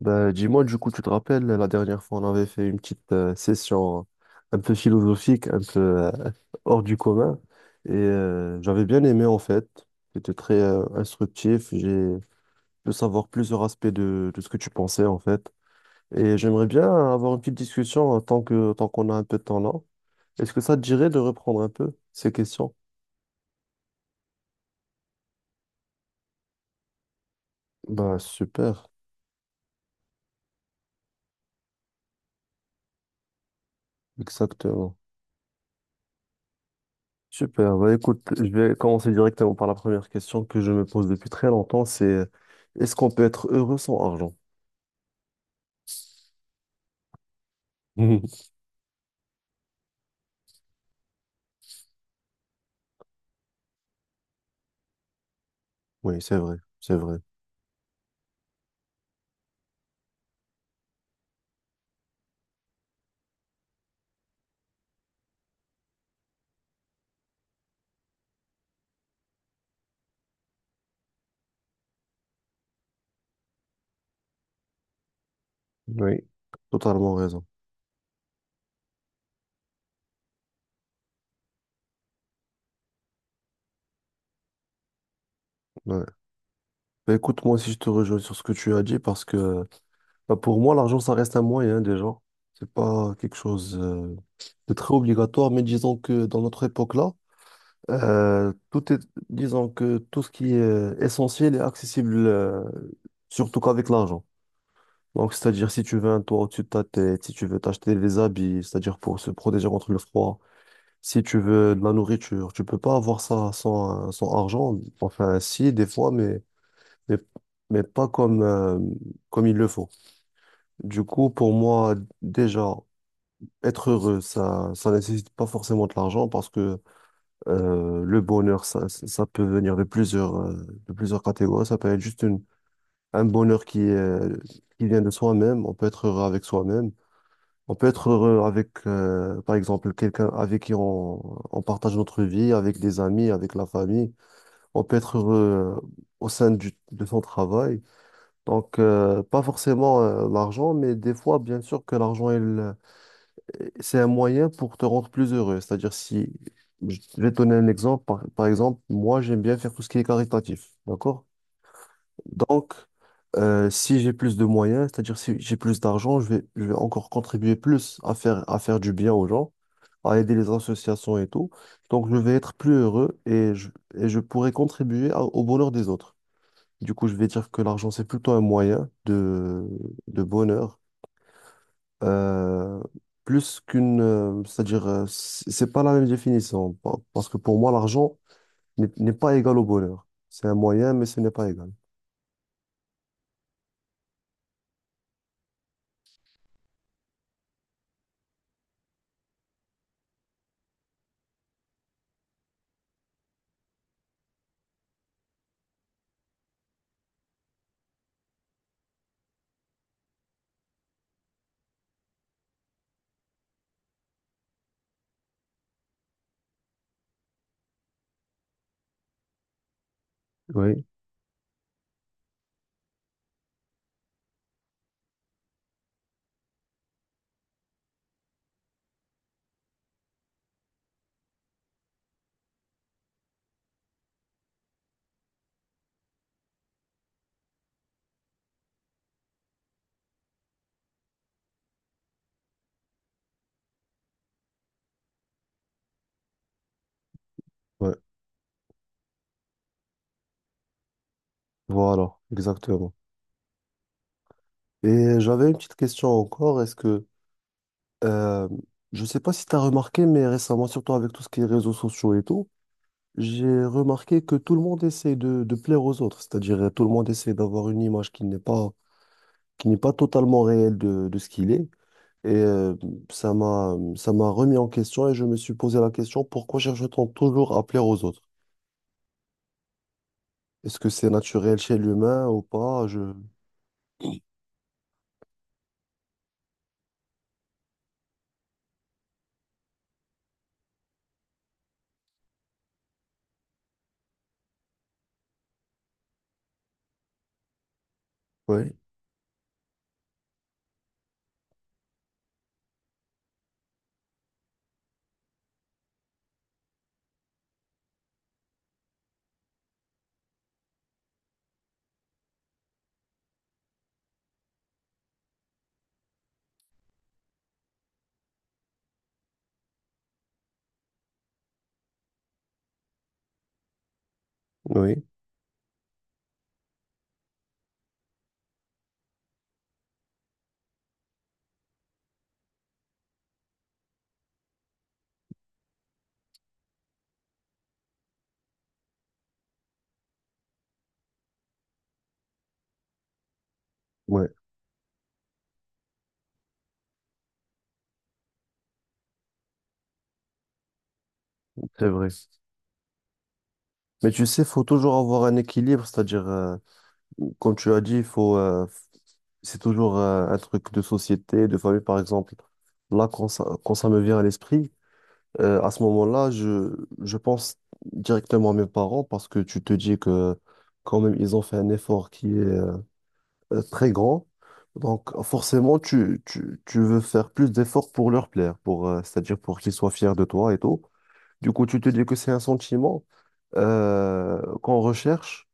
Bah, dis-moi, du coup, tu te rappelles, la dernière fois, on avait fait une petite session un peu philosophique, un peu euh, hors du commun. Et j'avais bien aimé, en fait. C'était très instructif. J'ai pu savoir plusieurs aspects de ce que tu pensais, en fait. Et j'aimerais bien avoir une petite discussion tant qu'on a un peu de temps là. Est-ce que ça te dirait de reprendre un peu ces questions? Bah, super, exactement. Super. Bah, écoute, je vais commencer directement par la première question que je me pose depuis très longtemps, c'est est-ce qu'on peut être heureux sans argent? Oui, c'est vrai, c'est vrai. Oui. Totalement raison. Ouais. Bah, écoute, moi aussi, je te rejoins sur ce que tu as dit parce que bah, pour moi, l'argent, ça reste un moyen déjà. C'est pas quelque chose de très obligatoire, mais disons que dans notre époque-là, tout est, disons que tout ce qui est essentiel est accessible, surtout qu'avec l'argent. Donc, c'est-à-dire, si tu veux un toit au-dessus de ta tête, si tu veux t'acheter des habits, c'est-à-dire pour se protéger contre le froid, si tu veux de la nourriture, tu peux pas avoir ça sans, sans argent. Enfin, si, des fois, mais, mais pas comme, comme il le faut. Du coup, pour moi, déjà, être heureux, ça nécessite pas forcément de l'argent parce que le bonheur, ça peut venir de plusieurs catégories. Ça peut être juste une, un bonheur qui est, qui vient de soi-même. On peut être heureux avec soi-même. On peut être heureux avec, par exemple, quelqu'un avec qui on partage notre vie, avec des amis, avec la famille. On peut être heureux au sein de son travail. Donc, pas forcément l'argent, mais des fois, bien sûr que l'argent, il, c'est un moyen pour te rendre plus heureux. C'est-à-dire, si je vais te donner un exemple, par exemple, moi, j'aime bien faire tout ce qui est caritatif. D'accord? Donc, si j'ai plus de moyens, c'est-à-dire si j'ai plus d'argent, je vais encore contribuer plus à faire du bien aux gens, à aider les associations et tout. Donc, je vais être plus heureux et je pourrai contribuer au bonheur des autres. Du coup, je vais dire que l'argent, c'est plutôt un moyen de bonheur, euh, plus qu'une, c'est-à-dire, c'est pas la même définition, parce que pour moi, l'argent n'est pas égal au bonheur. C'est un moyen, mais ce n'est pas égal. Oui. Voilà, exactement. Et j'avais une petite question encore. Est-ce que, euh, je sais pas si tu as remarqué, mais récemment, surtout avec tout ce qui est réseaux sociaux et tout, j'ai remarqué que tout le monde essaie de plaire aux autres. C'est-à-dire, tout le monde essaie d'avoir une image qui n'est pas totalement réelle de ce qu'il est. Et ça m'a remis en question et je me suis posé la question, pourquoi cherche-t-on toujours à plaire aux autres? Est-ce que c'est naturel chez l'humain ou pas? Je... Oui, oui, ouais, c'est vrai. Mais tu sais, il faut toujours avoir un équilibre, c'est-à-dire, comme tu as dit, il faut, c'est toujours un truc de société, de famille, par exemple. Là, quand ça me vient à l'esprit, à ce moment-là, je pense directement à mes parents parce que tu te dis que quand même, ils ont fait un effort qui est très grand. Donc, forcément, tu veux faire plus d'efforts pour leur plaire, pour, c'est-à-dire pour qu'ils soient fiers de toi et tout. Du coup, tu te dis que c'est un sentiment qu'on recherche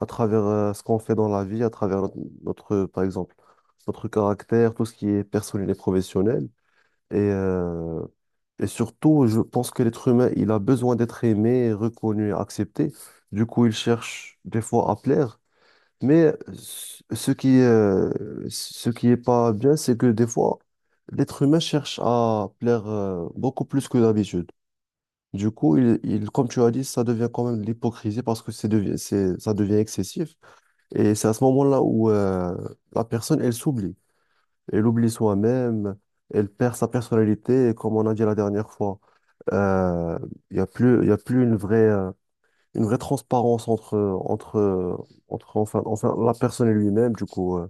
à travers ce qu'on fait dans la vie, à travers notre, notre, par exemple, notre caractère, tout ce qui est personnel et professionnel. Et, euh, et surtout, je pense que l'être humain, il a besoin d'être aimé, reconnu, accepté. Du coup, il cherche des fois à plaire. Mais ce qui, ce qui est pas bien, c'est que des fois, l'être humain cherche à plaire beaucoup plus que d'habitude. Du coup, il, comme tu as dit, ça devient quand même de l'hypocrisie parce que ça devient excessif. Et c'est à ce moment-là où la personne, elle s'oublie. Elle oublie soi-même, elle perd sa personnalité. Et comme on a dit la dernière fois, euh, il y a plus une vraie transparence entre, entre, entre la personne et lui-même. Du coup,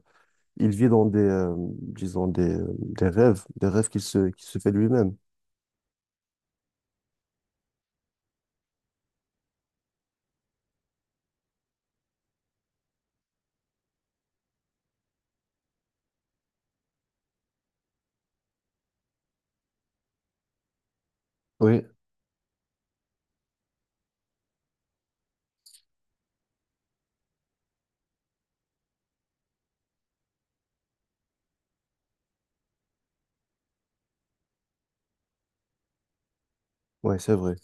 il vit dans des, disons, des rêves, des rêves qu'il se fait lui-même. Oui, ouais, c'est vrai.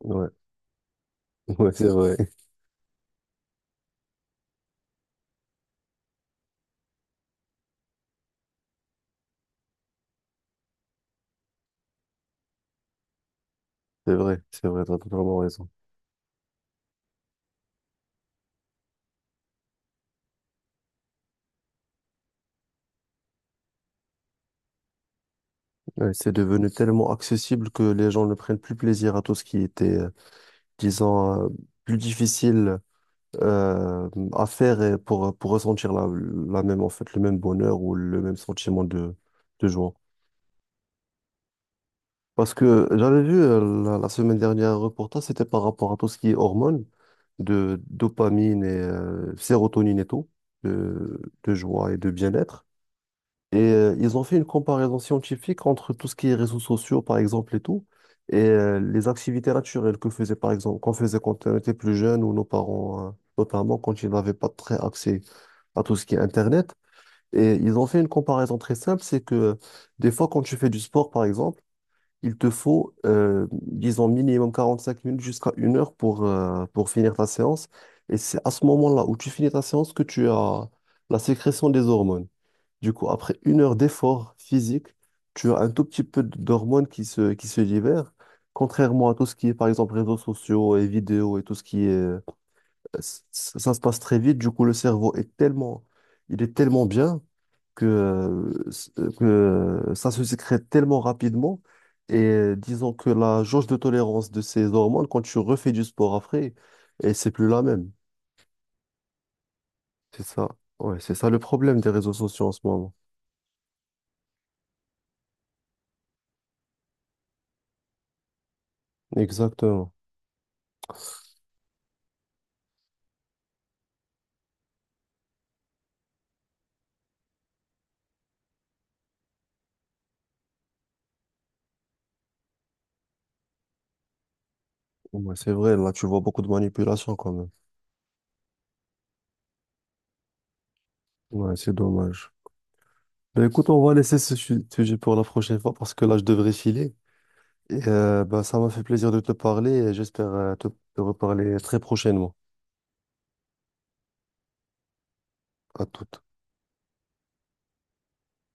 Ouais, ouais, c'est vrai. C'est vrai, t'as totalement raison. Ouais, c'est devenu tellement accessible que les gens ne prennent plus plaisir à tout ce qui était disons, plus difficile à faire et pour ressentir la, la même, en fait, le même bonheur ou le même sentiment de joie. Parce que j'avais vu la semaine dernière un reportage, c'était par rapport à tout ce qui est hormones, de dopamine et sérotonine et tout, de joie et de bien-être. Et ils ont fait une comparaison scientifique entre tout ce qui est réseaux sociaux, par exemple, et tout, et les activités naturelles que faisait, par exemple, qu'on faisait quand on était plus jeune ou nos parents, notamment quand ils n'avaient pas très accès à tout ce qui est Internet. Et ils ont fait une comparaison très simple, c'est que des fois, quand tu fais du sport, par exemple, il te faut, disons, minimum 45 minutes jusqu'à 1 heure pour finir ta séance. Et c'est à ce moment-là où tu finis ta séance que tu as la sécrétion des hormones. Du coup, après 1 heure d'effort physique, tu as un tout petit peu d'hormones qui se libèrent, contrairement à tout ce qui est, par exemple, réseaux sociaux et vidéos et tout ce qui est... Ça se passe très vite, du coup, le cerveau est tellement... Il est tellement bien que, que ça se sécrète tellement rapidement. Et disons que la jauge de tolérance de ces hormones, quand tu refais du sport après, et c'est plus la même. C'est ça. Ouais, c'est ça le problème des réseaux sociaux en ce moment. Exactement. Ouais, c'est vrai, là, tu vois beaucoup de manipulation quand même. Ouais, c'est dommage. Ben, écoute, on va laisser ce sujet pour la prochaine fois parce que là, je devrais filer. Et, ben, ça m'a fait plaisir de te parler et j'espère te reparler très prochainement. À toute.